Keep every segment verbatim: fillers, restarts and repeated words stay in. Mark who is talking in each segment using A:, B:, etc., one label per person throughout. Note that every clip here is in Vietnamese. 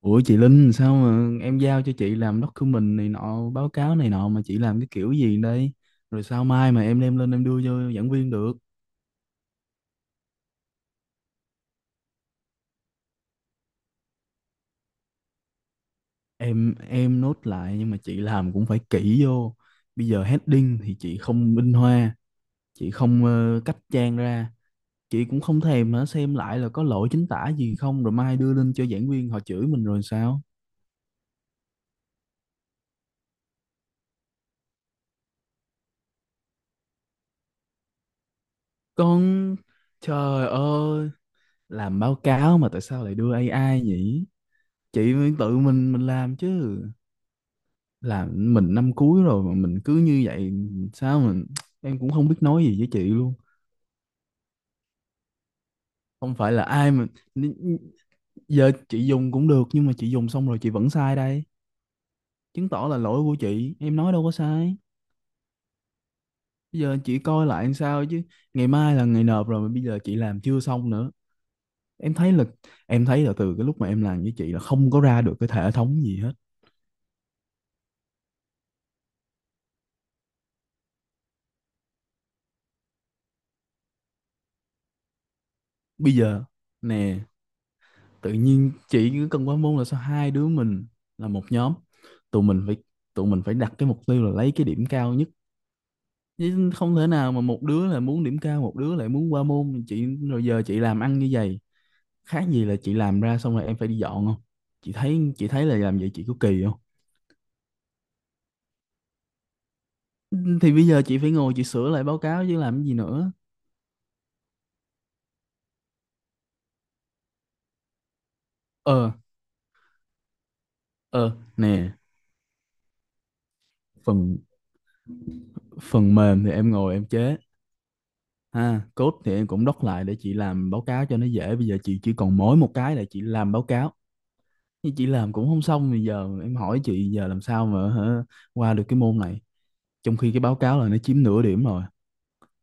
A: Ủa chị Linh sao mà em giao cho chị làm document này nọ, báo cáo này nọ mà chị làm cái kiểu gì đây? Rồi sao mai mà em đem lên em đưa cho giảng viên được? Em em nốt lại nhưng mà chị làm cũng phải kỹ vô. Bây giờ heading thì chị không minh hoa, chị không ờ, cách trang ra, chị cũng không thèm hả xem lại là có lỗi chính tả gì không rồi mai đưa lên cho giảng viên họ chửi mình rồi sao? Con, trời ơi, làm báo cáo mà tại sao lại đưa a i nhỉ? Chị phải tự mình mình làm chứ. Là mình năm cuối rồi mà mình cứ như vậy sao mà em cũng không biết nói gì với chị luôn. Không phải là ai mà giờ chị dùng cũng được nhưng mà chị dùng xong rồi chị vẫn sai đây, chứng tỏ là lỗi của chị, em nói đâu có sai. Bây giờ chị coi lại làm sao chứ, ngày mai là ngày nộp rồi mà bây giờ chị làm chưa xong nữa. em thấy là em thấy là từ cái lúc mà em làm với chị là không có ra được cái hệ thống gì hết. Bây giờ, nè, tự nhiên chị cứ cần quá môn là sao? Hai đứa mình là một nhóm, tụi mình phải tụi mình phải đặt cái mục tiêu là lấy cái điểm cao nhất, chứ không thể nào mà một đứa là muốn điểm cao một đứa lại muốn qua môn. Chị, rồi giờ chị làm ăn như vậy khác gì là chị làm ra xong rồi em phải đi dọn không? Chị thấy chị thấy là làm vậy chị có kỳ không? Thì bây giờ chị phải ngồi chị sửa lại báo cáo chứ làm cái gì nữa. Ờ. Ờ, nè, phần phần mềm thì em ngồi em chế. À, code thì em cũng doc lại để chị làm báo cáo cho nó dễ. Bây giờ chị chỉ còn mỗi một cái là chị làm báo cáo. Nhưng chị làm cũng không xong. Bây giờ em hỏi chị giờ làm sao mà hả, qua được cái môn này. Trong khi cái báo cáo là nó chiếm nửa điểm rồi.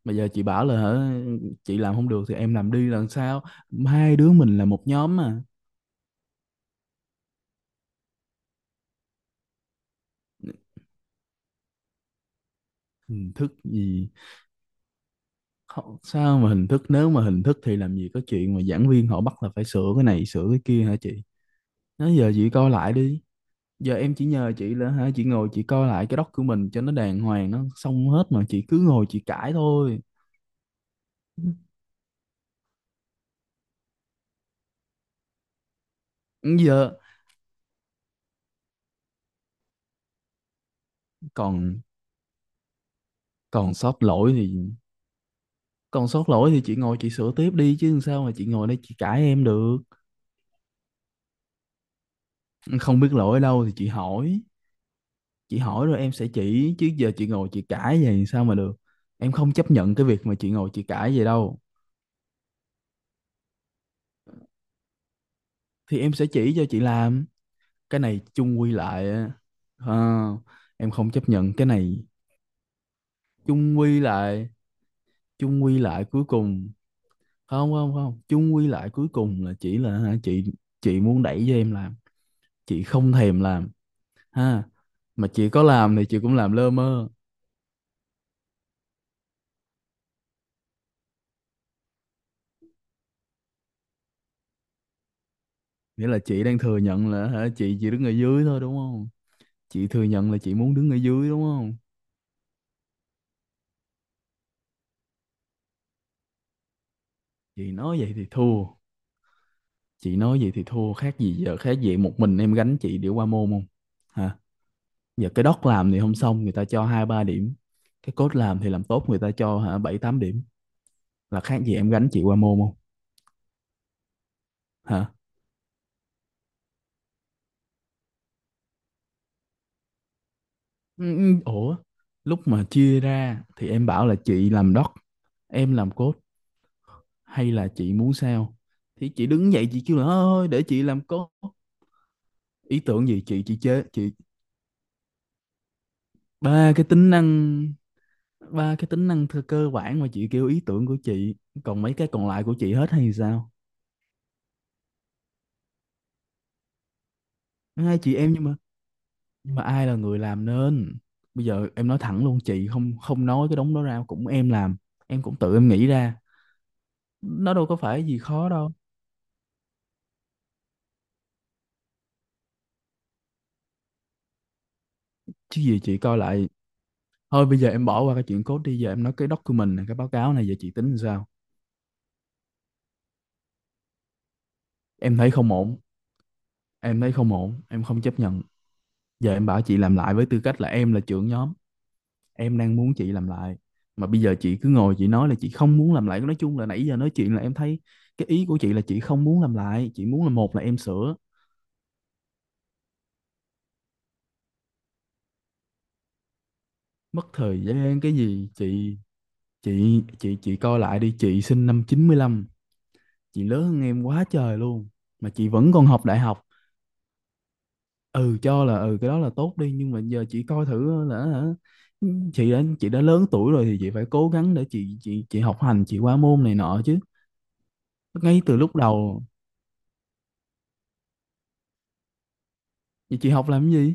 A: Bây giờ chị bảo là hả, chị làm không được thì em làm đi làm sao? Hai đứa mình là một nhóm mà. Hình thức gì? Không- Sao mà hình thức? Nếu mà hình thức thì làm gì có chuyện mà giảng viên họ bắt là phải sửa cái này sửa cái kia hả chị? Nói giờ chị coi lại đi. Giờ em chỉ nhờ chị là hả, chị ngồi chị coi lại cái doc của mình cho nó đàng hoàng, nó xong hết, mà chị cứ ngồi chị cãi thôi. Giờ còn còn sót lỗi thì còn sót lỗi thì chị ngồi chị sửa tiếp đi chứ làm sao mà chị ngồi đây chị cãi em được. Không biết lỗi ở đâu thì chị hỏi, chị hỏi rồi em sẽ chỉ, chứ giờ chị ngồi chị cãi vậy sao mà được? Em không chấp nhận cái việc mà chị ngồi chị cãi vậy đâu, thì em sẽ chỉ cho chị làm. Cái này chung quy lại á, ờ, em không chấp nhận cái này. chung quy lại Chung quy lại cuối cùng, không, không, không, chung quy lại cuối cùng là chỉ là hả, chị chị muốn đẩy cho em làm, chị không thèm làm, ha, mà chị có làm thì chị cũng làm lơ mơ. Nghĩa là chị đang thừa nhận là hả, chị chỉ đứng ở dưới thôi đúng không? Chị thừa nhận là chị muốn đứng ở dưới đúng không? Chị nói vậy thì thua, chị nói vậy thì thua khác gì giờ, khác gì một mình em gánh chị để qua môn không? Hả? Giờ cái doc làm thì không xong người ta cho hai ba điểm, cái code làm thì làm tốt người ta cho hả bảy tám điểm, là khác gì em gánh chị qua môn không? Hả? Ừ, ừ, ủa, lúc mà chia ra thì em bảo là chị làm doc, em làm code, hay là chị muốn sao? Thì chị đứng dậy chị kêu là thôi để chị làm code. Ý tưởng gì chị, chị chế chị, ba cái tính năng ba cái tính năng thơ- cơ bản mà chị kêu ý tưởng của chị, còn mấy cái còn lại của chị hết hay sao? Hai chị em nhưng mà, nhưng mà ai là người làm nên, bây giờ em nói thẳng luôn, chị không, không nói cái đống đó ra cũng em làm, em cũng tự em nghĩ ra, nó đâu có phải gì khó đâu. Chứ gì chị coi lại. Thôi bây giờ em bỏ qua cái chuyện code đi, giờ em nói cái document này, cái báo cáo này, giờ chị tính làm sao? Em thấy không ổn, em thấy không ổn em không chấp nhận. Giờ em bảo chị làm lại, với tư cách là em là trưởng nhóm, em đang muốn chị làm lại, mà bây giờ chị cứ ngồi chị nói là chị không muốn làm lại. Nói chung là nãy giờ nói chuyện là em thấy cái ý của chị là chị không muốn làm lại, chị muốn là một là em sửa. Mất thời gian cái gì chị chị chị chị coi lại đi, chị sinh năm chín mươi lăm, chị lớn hơn em quá trời luôn mà chị vẫn còn học đại học. Ừ, cho là ừ cái đó là tốt đi, nhưng mà giờ chị coi thử là hả, chị đã chị đã lớn tuổi rồi thì chị phải cố gắng để chị chị chị học hành, chị qua môn này nọ chứ. Ngay từ lúc đầu thì chị học làm cái gì?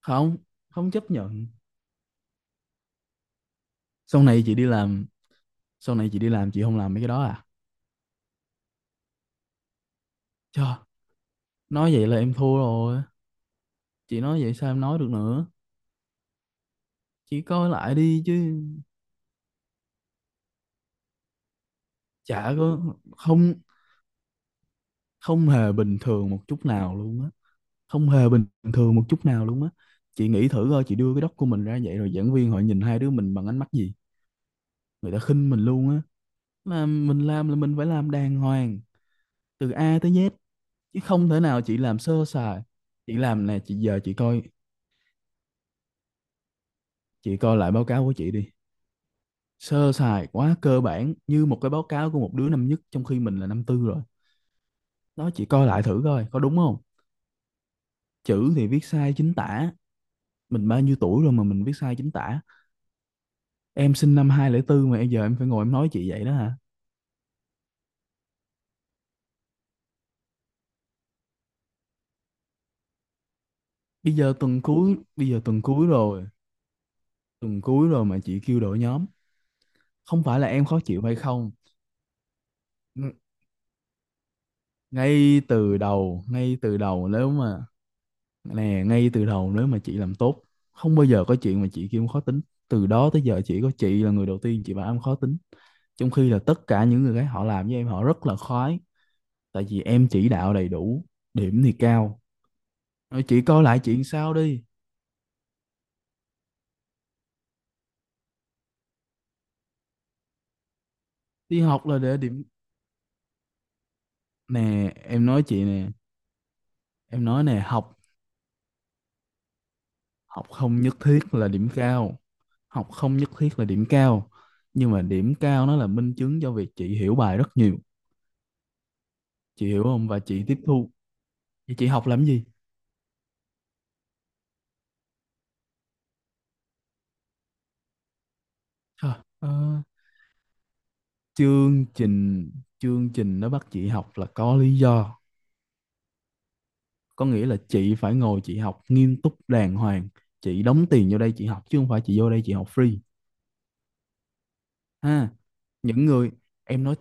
A: Không, không chấp nhận. Sau này chị đi làm, sau này chị đi làm chị không làm mấy cái đó à? Trời, nói vậy là em thua rồi, chị nói vậy sao em nói được nữa? Chị coi lại đi chứ. Chả có, không, không hề bình thường một chút nào luôn á không hề bình thường một chút nào luôn á. Chị nghĩ thử coi, chị đưa cái doc của mình ra vậy rồi giảng viên họ nhìn hai đứa mình bằng ánh mắt gì? Người ta khinh mình luôn á. Mà mình làm là mình phải làm đàng hoàng, từ A tới Z, chứ không thể nào chị làm sơ sài. Chị làm, nè, chị, giờ chị coi, chị coi lại báo cáo của chị đi, sơ sài quá, cơ bản như một cái báo cáo của một đứa năm nhất trong khi mình là năm tư rồi. Đó, chị coi lại thử coi có đúng không. Chữ thì viết sai chính tả, mình bao nhiêu tuổi rồi mà mình viết sai chính tả? Em sinh năm hai không không bốn mà bây giờ em phải ngồi em nói chị vậy đó hả? Bây giờ tuần cuối bây giờ tuần cuối rồi, tuần cuối rồi mà chị kêu đổi nhóm? Không phải là em khó chịu hay không. Ng- ngay từ đầu ngay từ đầu nếu mà nè Ngay từ đầu nếu mà chị làm tốt, không bao giờ có chuyện mà chị kêu em khó tính. Từ đó tới giờ chỉ có chị là người đầu tiên chị bảo em khó tính, trong khi là tất cả những người khác họ làm với em họ rất là khoái, tại vì em chỉ đạo đầy đủ, điểm thì cao. Rồi chị coi lại chuyện sau đi. Đi học là để điểm. Nè, em nói chị nè, em nói nè, học, học không nhất thiết là điểm cao học không nhất thiết là điểm cao, nhưng mà điểm cao nó là minh chứng cho việc chị hiểu bài rất nhiều, chị hiểu không, và chị tiếp thu. Vậy chị học làm gì? Hả? Ờ, chương trình chương trình nó bắt chị học là có lý do, có nghĩa là chị phải ngồi chị học nghiêm túc đàng hoàng. Chị đóng tiền vô đây chị học, chứ không phải chị vô đây chị học free. Ha, những người, em nói,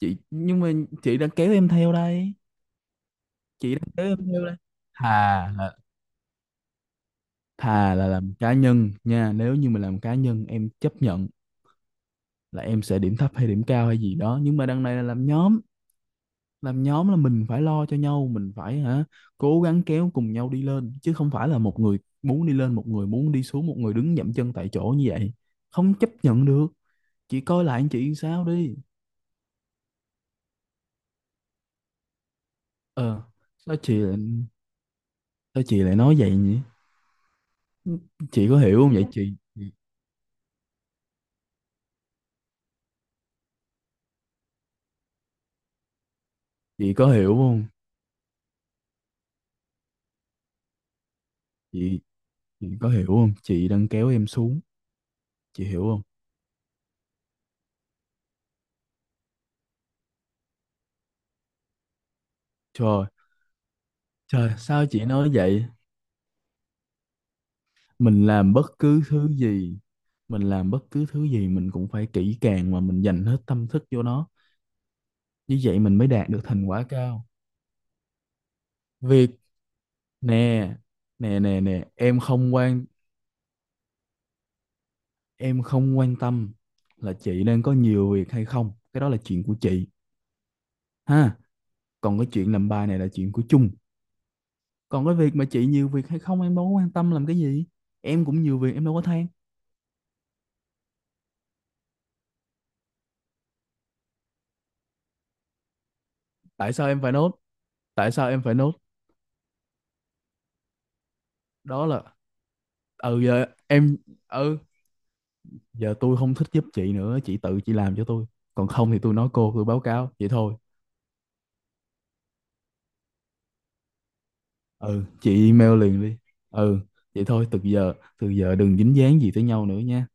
A: chị, nhưng mà chị đã kéo em theo đây. Để em nêu lên. thà là, thà là làm cá nhân nha, nếu như mà làm cá nhân em chấp nhận là em sẽ điểm thấp hay điểm cao hay gì đó, nhưng mà đằng này là làm nhóm. Làm nhóm là mình phải lo cho nhau, mình phải hả, cố gắng kéo cùng nhau đi lên, chứ không phải là một người muốn đi lên, một người muốn đi xuống, một người đứng dậm chân tại chỗ như vậy. Không chấp nhận được. Chị coi lại anh chị sao đi. Ờ, sao chị lại- sao chị lại nói vậy nhỉ? Chị có hiểu không vậy chị chị chị có hiểu không chị chị có hiểu không, chị đang kéo em xuống, chị hiểu không? Trời, trời sao chị nói vậy? Mình làm bất cứ thứ gì, mình làm bất cứ thứ gì mình cũng phải kỹ càng mà, mình dành hết tâm thức vô nó, như vậy mình mới đạt được thành quả cao. Việc, nè nè nè nè, em không quan em không quan tâm là chị đang có nhiều việc hay không, cái đó là chuyện của chị, ha. Còn cái chuyện làm bài này là chuyện của chung. Còn cái việc mà chị nhiều việc hay không em đâu có quan tâm làm cái gì, em cũng nhiều việc em đâu có than. tại sao em phải nốt tại sao em phải nốt Đó là, ừ giờ em, ừ, giờ tôi không thích giúp chị nữa, chị tự chị làm cho tôi. Còn không thì tôi nói cô, tôi báo cáo vậy thôi. Ừ, chị email liền đi. Ừ, vậy thôi, từ giờ từ giờ đừng dính dáng gì tới nhau nữa nha.